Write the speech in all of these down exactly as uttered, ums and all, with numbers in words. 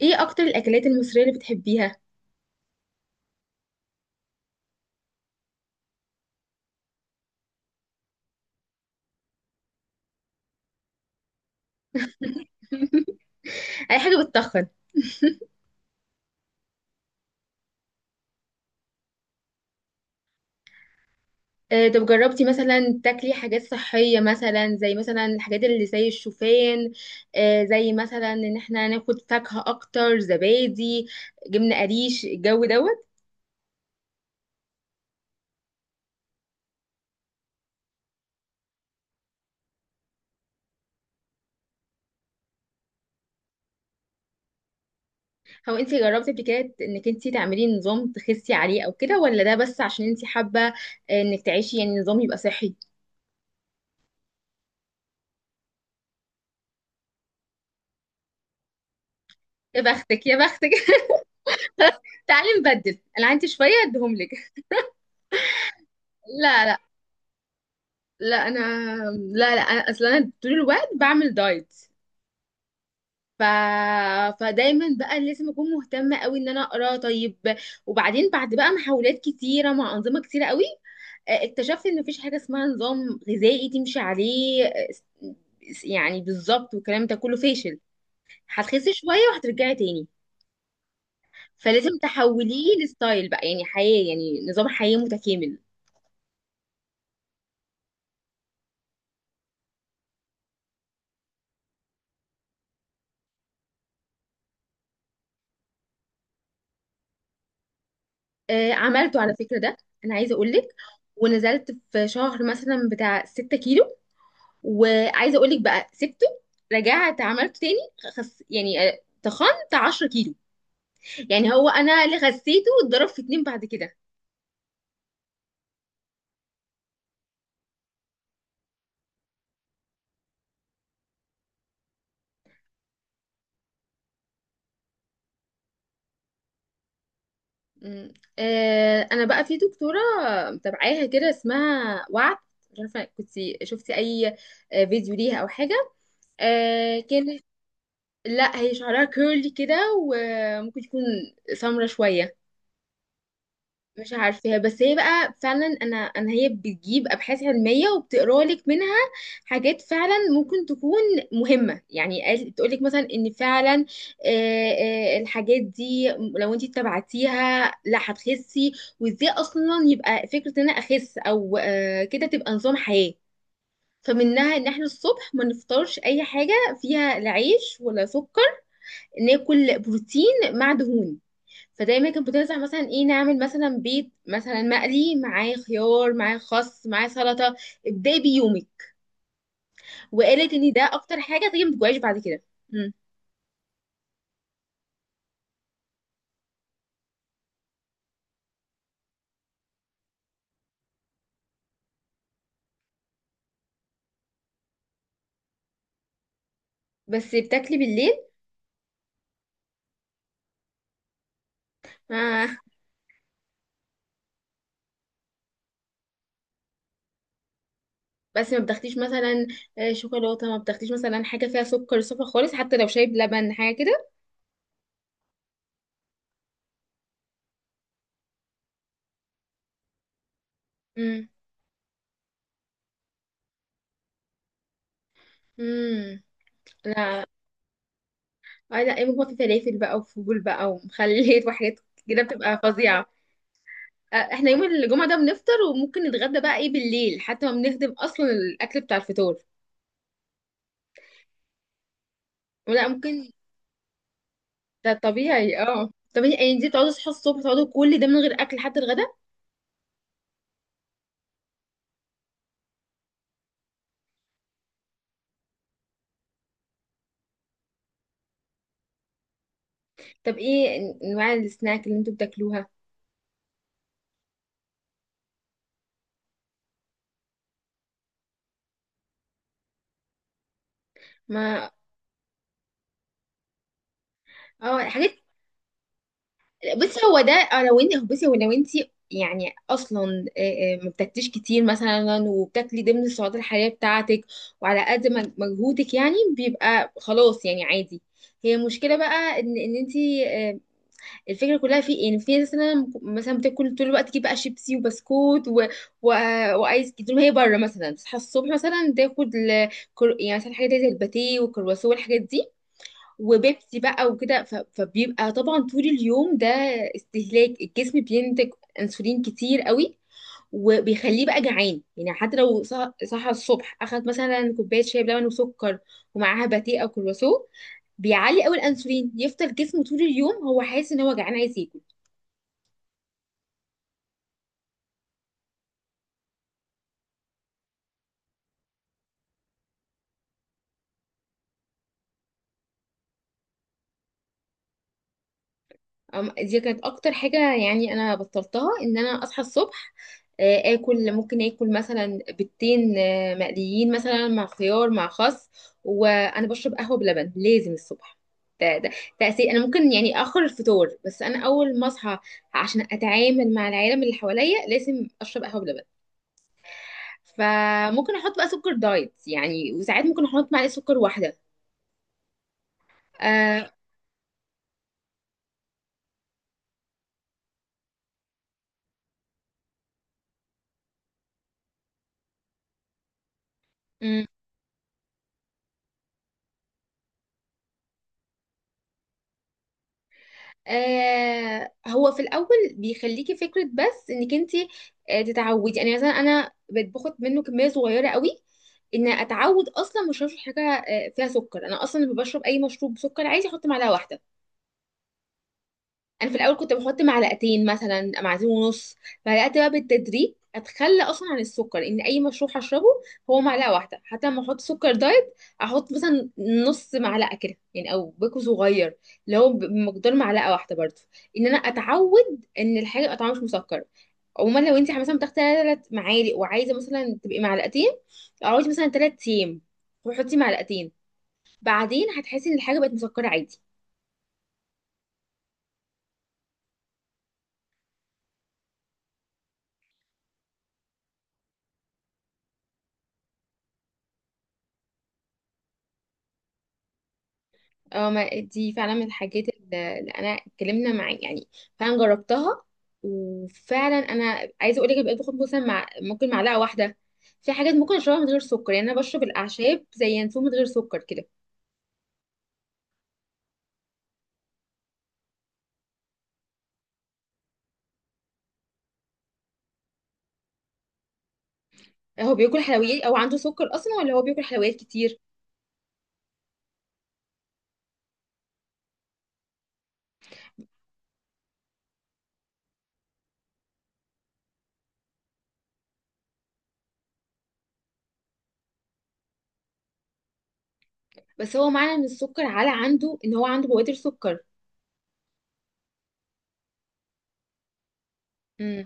ايه اكتر الاكلات المصريه اللي بتحبيها؟ اي حاجه بتتخن؟ آه، طب جربتي مثلا تاكلي حاجات صحيه، مثلا زي مثلا الحاجات اللي زي الشوفان، آه، زي مثلا ان احنا ناخد فاكهه اكتر، زبادي، جبنه قريش الجو دوت. هو انت جربتي قبل كده انك انت تعملي نظام تخسي عليه او كده، ولا ده بس عشان انت حابه آه، انك تعيشي، يعني نظام يبقى صحي؟ يا بختك يا بختك. تعالي نبدل، انا عندي شويه اديهم لك. لا، لا. لا انا. لا لا، انا اصلا انا طول الوقت بعمل دايت. ف... فدايما بقى لازم اكون مهتمه قوي ان انا اقرا طيب، وبعدين بعد بقى محاولات كتيره مع انظمه كتيره قوي، آه، اكتشفت ان مفيش حاجه اسمها نظام غذائي تمشي عليه. آه، س- يعني بالظبط، والكلام ده كله فاشل. هتخسي شويه وهترجعي تاني. فلازم تحوليه لستايل بقى، يعني حياه، يعني نظام حياه متكامل. آه، عملته على فكره ده، انا عايزه اقول لك، ونزلت في شهر مثلا بتاع 6 كيلو، وعايزه اقول لك بقى سبته، رجعت عملته تاني، خس يعني آه، تخنت 10 كيلو. يعني هو انا اللي خسيته واتضرب في اتنين بعد كده. مم. آه انا بقى في دكتوره متابعاها كده، اسمها وعد. مش عارفه كنت شفتي اي آه، فيديو ليها او حاجه. آه كانت. لا، هي شعرها كيرلي كده، وممكن تكون سمرة شويه. مش عارفاها، بس هي بقى فعلا انا انا هي بتجيب ابحاث علميه وبتقرا لك منها حاجات فعلا ممكن تكون مهمه. يعني قال- تقول لك مثلا ان فعلا آه، آه، الحاجات دي لو انت اتبعتيها لا هتخسي، وازاي اصلا يبقى فكره ان انا اخس، او آه، كده تبقى نظام حياه. فمنها ان احنا الصبح ما نفطرش اي حاجه فيها لا عيش ولا سكر، ناكل بروتين مع دهون. فدايما كانت بتنصح مثلا، ايه نعمل مثلا بيض مثلا مقلي معاه خيار معاه خس معاه سلطه، ابداي بيومك. وقالت ان ده اكتر حاجه تيجي ما تجوعيش بعد كده. مم. بس بتاكلي بالليل. آه. بس ما بتاخديش مثلا آه، شوكولاته، ما بتاخديش مثلا حاجه فيها سكر صفر خالص، حتى لو شاي بلبن حاجه كده؟ امم، امم. لا، آه لا، ايه بقى في فلافل بقى، وفول بقى، ومخليت، وحاجات كده بتبقى فظيعه. آه، احنا يوم الجمعة ده بنفطر، وممكن نتغدى بقى ايه بالليل، حتى ما بنهدم اصلا الاكل بتاع الفطور. لا، ممكن. ده طبيعي، اه طبيعي، يعني دي بتقعدوا تصحوا الصبح، تقعدوا كل ده من غير اكل حتى الغدا؟ طب ايه انواع السناك اللي انتوا بتاكلوها؟ ما، اه حاجات. بصي هو ده، آه، لو انت، بصي هو لو انت، يعني اصلا آه، آه، ما بتاكليش كتير مثلا، وبتاكلي ضمن السعرات الحراريه بتاعتك، وعلى قد مج- مجهودك، يعني بيبقى خلاص يعني عادي. هي المشكله بقى ان ان انت، الفكره كلها في إيه؟ ان في ناس مثلا مثلا بتاكل طول الوقت، تجيب بقى شيبسي وبسكوت، و... و... وايس كريم، طول ما هي بره. مثلا تصحى الصبح مثلا تاخد ال... كر- يعني مثلا حاجات زي الباتيه والكرواسون والحاجات دي، وبيبسي بقى وكده، ف... فبيبقى طبعا طول اليوم ده استهلاك الجسم بينتج انسولين كتير قوي، وبيخليه بقى جعان. يعني حتى لو صح- صحى الصبح، اخد مثلا كوبايه شاي بلبن وسكر، ومعاها باتيه او كرواسون، بيعلي قوي الانسولين، يفضل جسمه طول اليوم هو حاسس ان هو جعان عايز ياكل. أم- دي كانت اكتر حاجة يعني انا بطلتها، ان انا اصحى الصبح آه، اكل، ممكن اكل مثلا بيضتين آه، مقليين مثلا مع خيار مع خس، وانا بشرب قهوة بلبن لازم الصبح. ده ده تأثير، انا ممكن يعني اخر الفطور، بس انا اول ما اصحى عشان اتعامل مع العالم اللي حواليا لازم اشرب قهوة بلبن. فممكن احط بقى سكر دايت يعني، وساعات ممكن احط معلقة سكر واحدة. آه. آه، هو في الاول بيخليكي فكره، بس انك انت آه تتعودي. يعني مثلا انا بقيت باخد منه كميه صغيره قوي، ان اتعود اصلا مش هشرب حاجه آه فيها سكر. انا اصلا لما بشرب اي مشروب بسكر عادي احط معلقه واحده. انا في الاول كنت بحط معلقتين، مثلا معلقتين ونص. بدات بقى بالتدريج اتخلى اصلا عن السكر، ان اي مشروب هشربه هو معلقه واحده. حتى لما احط سكر دايت احط مثلا نص معلقه كده، يعني او بيكو صغير اللي هو ب- بمقدار معلقه واحده برضه، ان انا اتعود ان الحاجه يبقى طعمها مش مسكر. عموما لو انت مثلا بتاخدي ثلاث معالق وعايزه مثلا تبقي معلقتين، اقعدي مثلا ثلاث ايام وحطي معلقتين، بعدين هتحسي ان الحاجه بقت مسكره عادي. اه، ما دي فعلا من الحاجات اللي اللي انا اتكلمنا معاه، يعني فعلا جربتها، وفعلا انا عايزه اقول لك بقيت باخد مثلا مع، ممكن معلقه واحده. في حاجات ممكن اشربها من غير سكر، يعني انا بشرب الاعشاب زي ينسون من غير سكر كده. هو بياكل حلويات او عنده سكر اصلا، ولا هو بياكل حلويات كتير؟ بس هو معنى ان السكر على عنده ان هو عنده بوادر سكر؟ امم.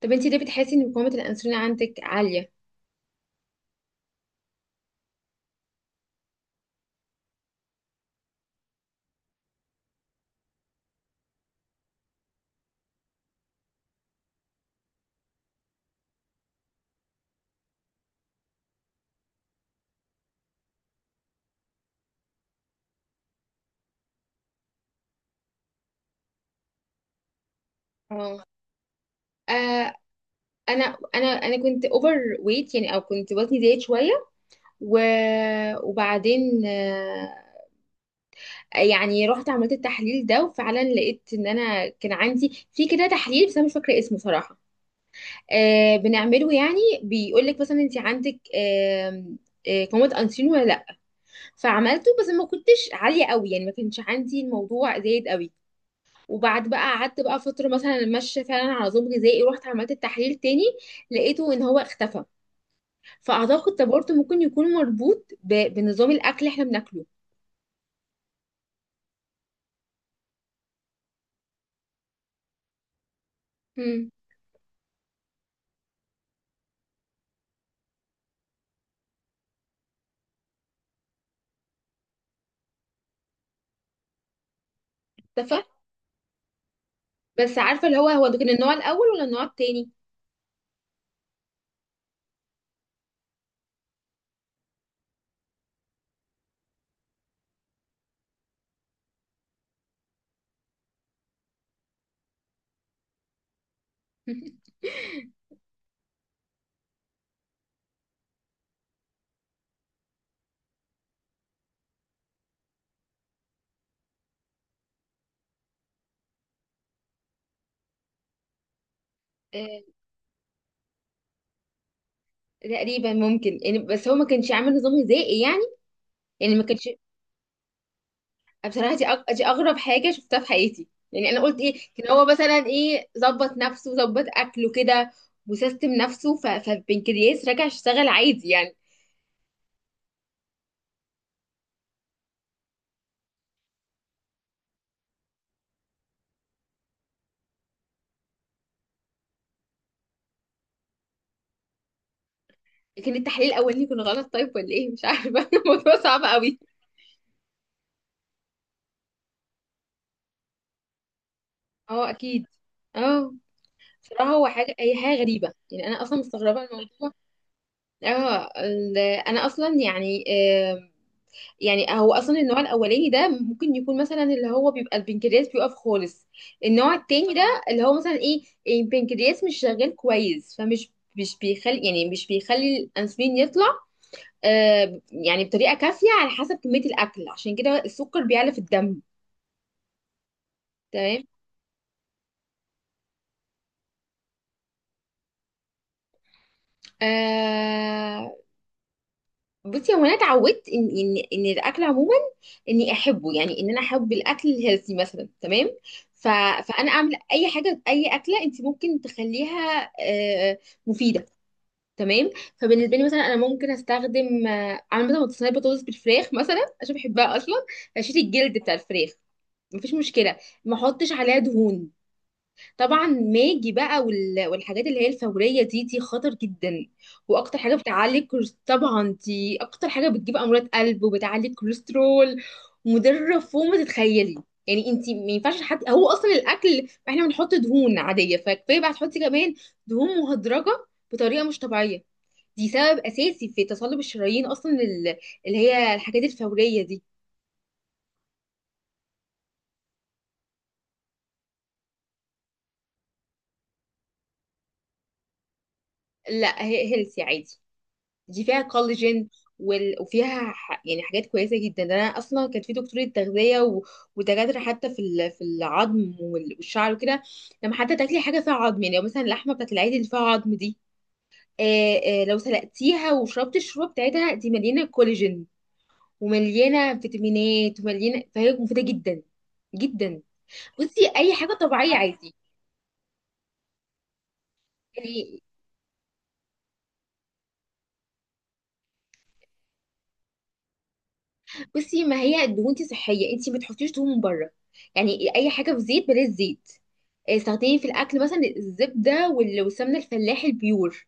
طب انت ليه بتحسي ان مقاومه الانسولين عندك عاليه؟ اه. آه، انا انا انا كنت اوفر ويت، يعني او كنت وزني زايد شويه، و... وبعدين آه، يعني رحت عملت التحليل ده، وفعلا لقيت ان انا كان عندي، في كده تحليل بس انا مش فاكره اسمه صراحه، آه بنعمله، يعني بيقول لك مثلا انت عندك آه، آه، قوامة انسولين ولا لا. فعملته بس ما كنتش عاليه قوي، يعني ما كانش عندي الموضوع زايد قوي. وبعد بقى قعدت بقى فتره مثلا ماشيه فعلا على نظام غذائي، ورحت عملت التحليل تاني، لقيته ان هو اختفى. فاعتقد ده برضه ممكن يكون مربوط ب... بنظام الاكل اللي احنا بناكله. مم. ده، بس عارفه اللي هو هو ده كان النوع الاول ولا النوع التاني؟ آه، تقريبا ممكن يعني، بس هو ما كانش عامل نظام غذائي، يعني يعني ما كانش. بصراحه، دي أغ- دي اغرب حاجه شفتها في حياتي. يعني انا قلت ايه، كان هو مثلا ايه، ظبط نفسه، ظبط اكله كده، وسيستم نفسه، ف- فالبنكرياس رجع يشتغل عادي يعني. كان التحليل الاولاني كان غلط طيب، ولا ايه؟ مش عارفه. الموضوع صعب قوي. اه اكيد. اه. بصراحه هو حاجه، هي حاجه غريبه، يعني انا اصلا مستغربه الموضوع. اه ال- انا اصلا يعني، آه، يعني هو اصلا النوع الاولاني ده ممكن يكون مثلا، اللي هو بيبقى البنكرياس بيقف خالص. النوع التاني ده اللي هو مثلا ايه، البنكرياس مش شغال كويس، فمش، مش بيخلي يعني مش بيخلي الانسولين يطلع آه يعني بطريقه كافيه، على حسب كميه الاكل، عشان كده السكر بيعلى في الدم. تمام. آه، بصي هو انا اتعودت ان ان ان الاكل عموما اني احبه، يعني ان انا احب الاكل الهيلثي مثلا. تمام. ف، فانا اعمل اي حاجه، اي اكله انت ممكن تخليها آه، مفيده. تمام. فبالنسبه لي مثلا، انا ممكن استخدم آه، اعمل مثلا صينيه بطاطس بالفراخ مثلا عشان بحبها اصلا، اشيل الجلد بتاع الفراخ، مفيش مشكله، ما احطش عليها دهون. طبعا ماجي بقى، وال- والحاجات اللي هي الفورية دي دي خطر جدا، واكتر حاجة بتعلي الكولس- طبعا دي اكتر حاجة بتجيب امراض قلب وبتعلي الكوليسترول، مضرة فوق ما تتخيلي. يعني انتي ما ينفعش حد، هو اصلا الاكل احنا بنحط دهون عادية، فكفاية بقى تحطي كمان دهون مهدرجة بطريقة مش طبيعية. دي سبب اساسي في تصلب الشرايين، اصلا ال- اللي هي الحاجات الفورية دي. لا هي هيلثي عادي، دي فيها كولاجين، وال... وفيها ح... يعني حاجات كويسه جدا. ده انا اصلا كان في دكتوره تغذيه، و... ودكاتره حتى في ال... في العظم، وال... والشعر وكده، لما حتى تاكلي حاجه فيها عظم، يعني لو مثلا اللحمه بتاعت العيد اللي فيها عظم دي، آه آه، لو سلقتيها وشربت الشوربه بتاعتها، دي مليانه كولاجين، ومليانه فيتامينات، ومليانه، فهي مفيده جدا جدا. بصي اي حاجه طبيعيه عادي يعني. بصي ما هي الدهون دي صحيه، انت ما تحطيش دهون من بره. يعني اي حاجه في زيت، بلاش زيت. استخدمي في الاكل مثلا الزبده، وال- والسمنه الفلاحي البيور،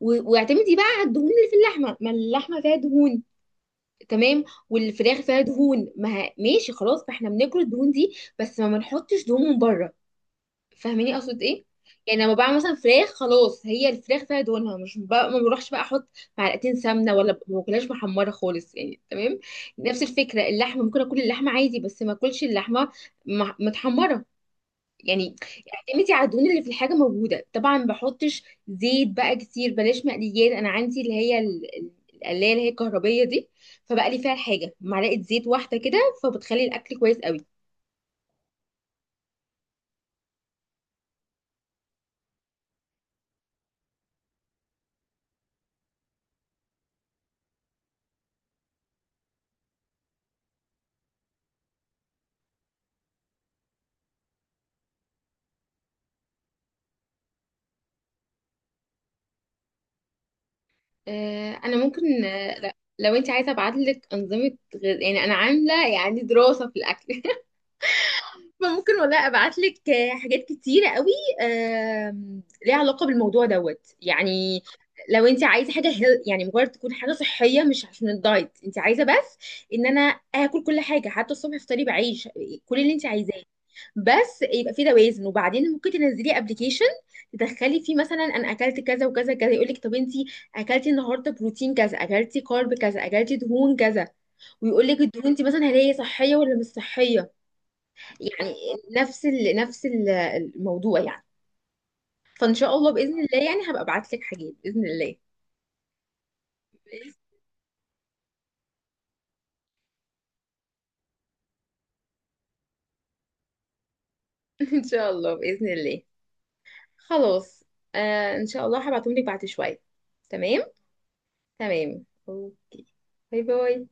و- واعتمدي بقى على الدهون اللي في اللحمه، ما اللحمه فيها دهون. تمام. والفراخ فيها دهون، ما ه- ماشي خلاص، ما احنا بناكل الدهون دي، بس ما ما نحطش دهون من بره. فاهماني اقصد ايه؟ يعني لما بعمل مثلا فراخ، خلاص هي الفراخ فيها دهونها، مش بقى ما بروحش بقى احط معلقتين سمنه، ولا ب- ما باكلهاش محمره خالص، يعني تمام. نفس الفكره، اللحمه ممكن اكل اللحمه عادي، بس ما اكلش اللحمه مح- متحمره يعني. اعتمدي على الدهون اللي في الحاجه موجوده، طبعا ما بحطش زيت بقى كتير، بلاش مقليات. انا عندي اللي هي ال- ال- القلايه اللي هي الكهربيه دي، فبقلي فيها الحاجه معلقه زيت واحده كده، فبتخلي الاكل كويس قوي. آه، انا ممكن، آه، لا، لو انت عايزه ابعت لك انظمه غذاء، يعني انا عامله يعني دراسه في الاكل. فممكن والله ابعت لك حاجات كتيره قوي، آم، ليها علاقه بالموضوع دوت يعني. لو انت عايزه حاجه هيل، يعني مجرد تكون حاجه صحيه، مش عشان الدايت انت عايزه، بس ان انا اكل كل حاجه، حتى الصبح افطري بعيش، كل اللي انت عايزاه، بس يبقى في توازن. وبعدين ممكن تنزلي ابلكيشن، تدخلي فيه مثلا انا اكلت كذا وكذا كذا، يقول لك طب انت اكلتي النهارده بروتين كذا، اكلتي كارب كذا، اكلتي دهون كذا، ويقول لك الدهون دي مثلا هل هي صحيه ولا مش صحيه. يعني نفس ال، نفس ال- الموضوع يعني. فان شاء الله باذن الله يعني هبقى ابعت لك حاجات باذن الله. ان شاء الله باذن الله. خلاص. آه ان شاء الله هبعتهم لك بعد شويه. تمام. تمام اوكي. باي باي.